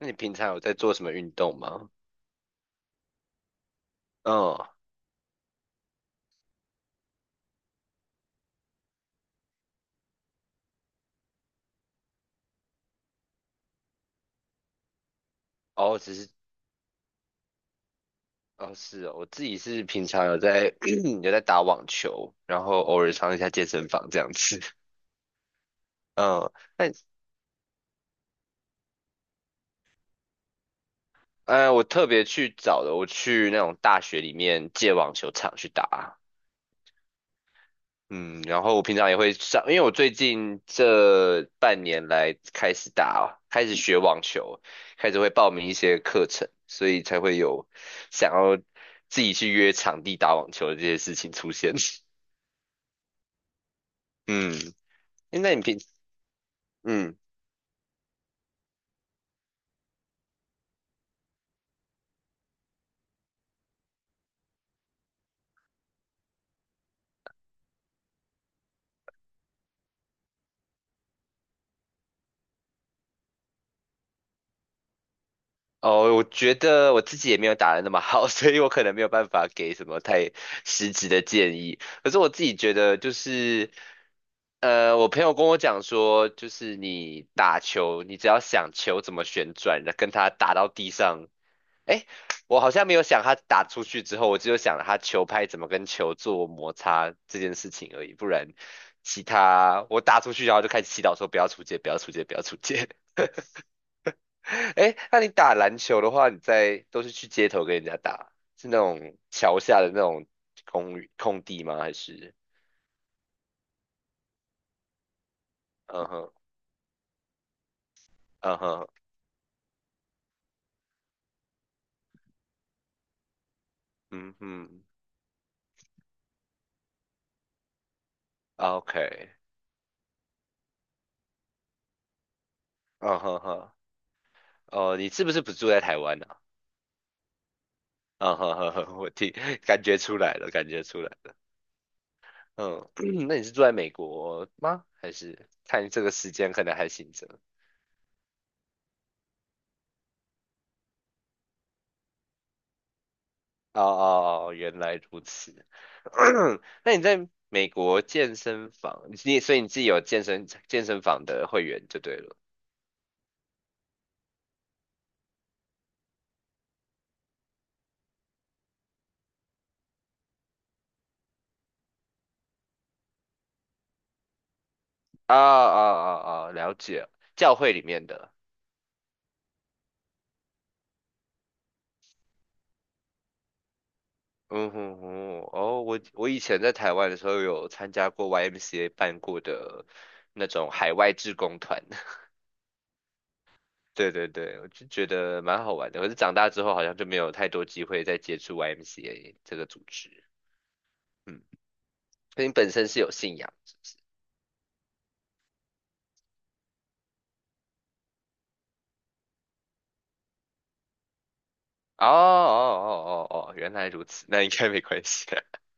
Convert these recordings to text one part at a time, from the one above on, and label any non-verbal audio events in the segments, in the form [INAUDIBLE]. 那你平常有在做什么运动吗？嗯。哦，只是哦，是哦，我自己是平常有在 [CLEARS THROAT] 有在打网球，然后偶尔上一下健身房这样子。嗯。那我特别去找的，我去那种大学里面借网球场去打。嗯，然后我平常也会上，因为我最近这半年来开始打，开始学网球，开始会报名一些课程，所以才会有想要自己去约场地打网球的这些事情出现。[LAUGHS] 嗯。诶那你平，嗯。哦，我觉得我自己也没有打的那么好，[LAUGHS] 所以我可能没有办法给什么太实质的建议。可是我自己觉得就是，我朋友跟我讲说，就是你打球，你只要想球怎么旋转，跟它打到地上，诶，我好像没有想它打出去之后，我只有想它球拍怎么跟球做摩擦这件事情而已，不然。其他我打出去，然后就开始祈祷说不要出界，不要出界，不要出界。[LAUGHS] 哎，那你打篮球的话，你在都是去街头跟人家打，是那种桥下的那种公寓空地吗？还是嗯哼嗯哼嗯哼啊，OK,嗯哼哼。哦，你是不是不住在台湾呢啊？嗯哼哼哼，我听感觉出来了，感觉出来了。嗯。[CLEARS THROAT] 那你是住在美国吗？还是看这个时间可能还行着？哦哦哦，原来如此。[COUGHS] [CLEARS THROAT] 那你在美国健身房，你所以你自己有健身房的会员就对了。啊啊啊啊，了解，教会里面的。嗯哼哼。哦，我以前在台湾的时候有参加过 YMCA 办过的那种海外志工团，[LAUGHS] 对对对，我就觉得蛮好玩的。可是长大之后好像就没有太多机会再接触 YMCA 这个组织。嗯，所以你本身是有信仰。哦哦哦哦哦，原来如此，那应该没关系啊。[LAUGHS]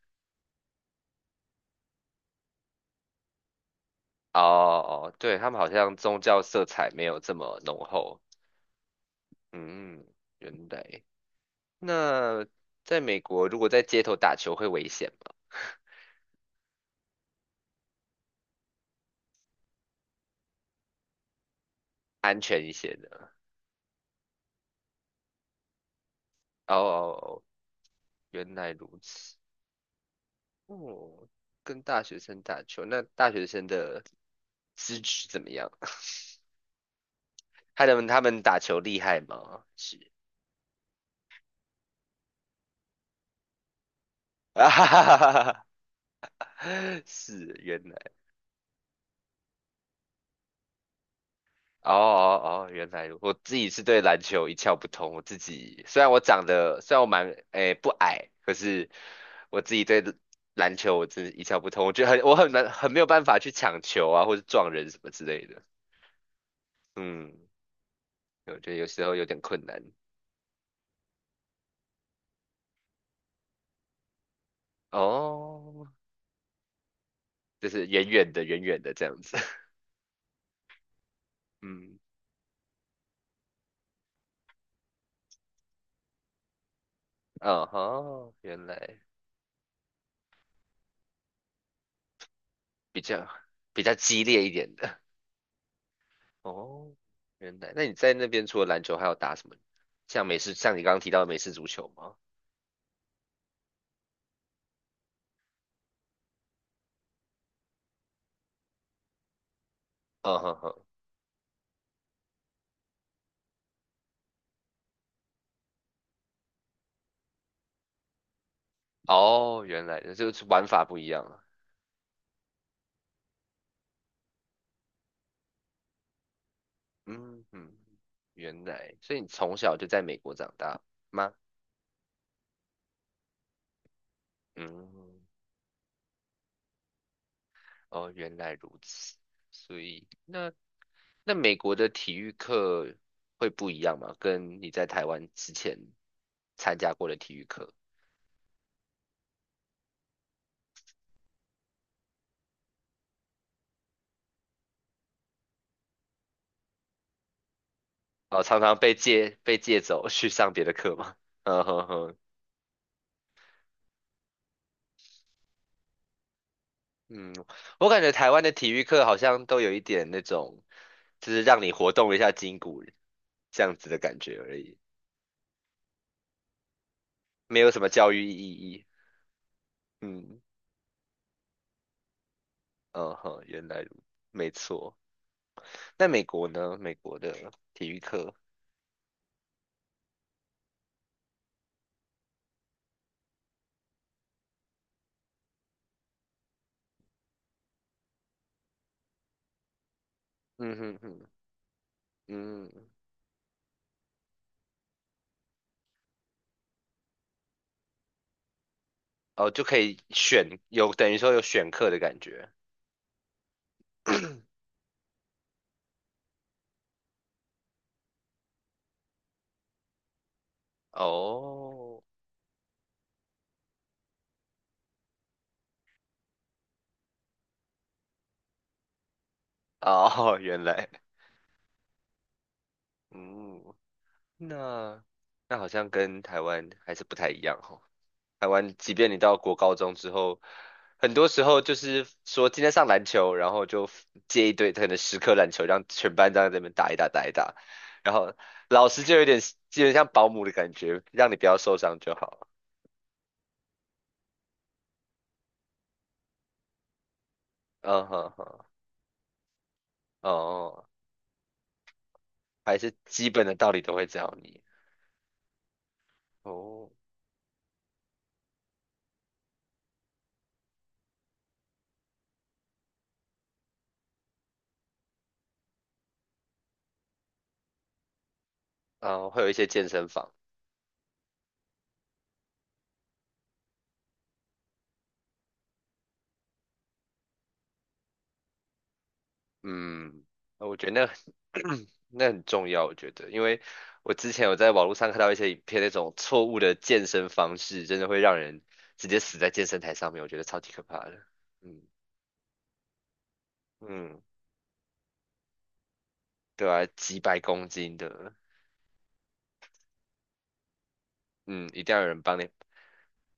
哦哦，对，他们好像宗教色彩没有这么浓厚。嗯。原来。那在美国，如果在街头打球会危险吗？[LAUGHS] 安全一些的。哦哦哦，原来如此。哦，跟大学生打球，那大学生的资质怎么样？[LAUGHS] 他们打球厉害吗？是 [LAUGHS] 啊，哈哈哈哈哈，是，原来。哦哦哦，原来如我自己是对篮球一窍不通。我自己虽然我长得虽然我蛮诶不矮，可是我自己对篮球我真的一窍不通。我觉得很我很难很没有办法去抢球啊，或者撞人什么之类的。嗯，我觉得有时候有点困难。哦，就是远远的远远的这样子。[LAUGHS] 嗯。哦吼，原来比较比较激烈一点的。哦，原来，那你在那边除了篮球还有打什么？像美式，像你刚刚提到的美式足球吗？嗯哼哼。哦，原来，就是玩法不一样了。嗯嗯，原来，所以你从小就在美国长大吗？嗯。哦，原来如此。所以，那那美国的体育课会不一样吗？跟你在台湾之前参加过的体育课，哦，常常被借走去上别的课吗？嗯哼哼。嗯，我感觉台湾的体育课好像都有一点那种，就是让你活动一下筋骨这样子的感觉而已，没有什么教育意义。嗯。嗯哼，原来如没错。那美国呢？美国的体育课，嗯哼哼。嗯。哦，就可以选，有等于说有选课的感觉。哦，哦，[LAUGHS] 原来。嗯。那那好像跟台湾还是不太一样台湾，即便你到国高中之后，很多时候就是说今天上篮球，然后就借一堆可能10颗篮球，让全班这样在那边打一打打一打，然后老师就有点基本像保姆的感觉，让你不要受伤就好。嗯哼哼。哦，哦哦还是基本的道理都会教你。哦。嗯，会有一些健身房。嗯，我觉得那 [CLEARS THROAT] 那很重要，我觉得，因为我之前有在网络上看到一些影片，那种错误的健身方式，真的会让人直接死在健身台上面，我觉得超级可怕的。嗯嗯，对啊，几百公斤的，嗯，一定要有人帮你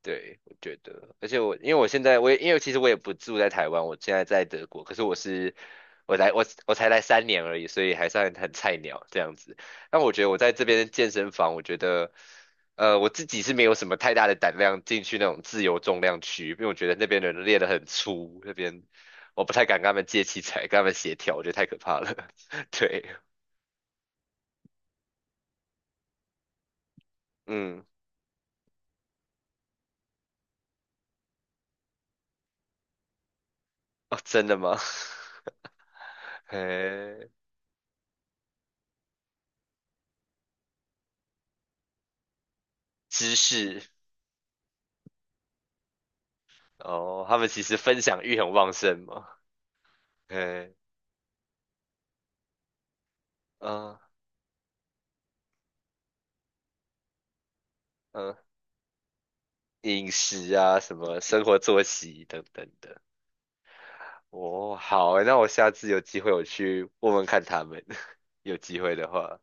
对，我觉得，而且我因为我现在我也因为其实我也不住在台湾，我现在在德国，可是我是我来我才来3年而已，所以还算很菜鸟这样子。但我觉得我在这边的健身房，我觉得我自己是没有什么太大的胆量进去那种自由重量区，因为我觉得那边的人练得很粗，那边我不太敢跟他们借器材，跟他们协调，我觉得太可怕了。[LAUGHS] 对。嗯。哦，真的吗？[LAUGHS] 嘿，知识。哦，他们其实分享欲很旺盛嘛，嗯嗯嗯，饮食啊，什么生活作息等等的。哦，好欸那我下次有机会我去问问看他们，[LAUGHS] 有机会的话，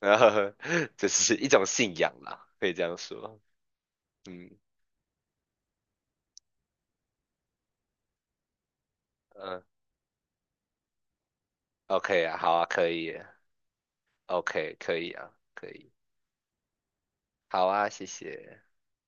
然后 [LAUGHS] 这是一种信仰啦，可以这样说。嗯嗯，OK 啊，好啊，可以 OK 可以啊，可以，好啊，谢谢。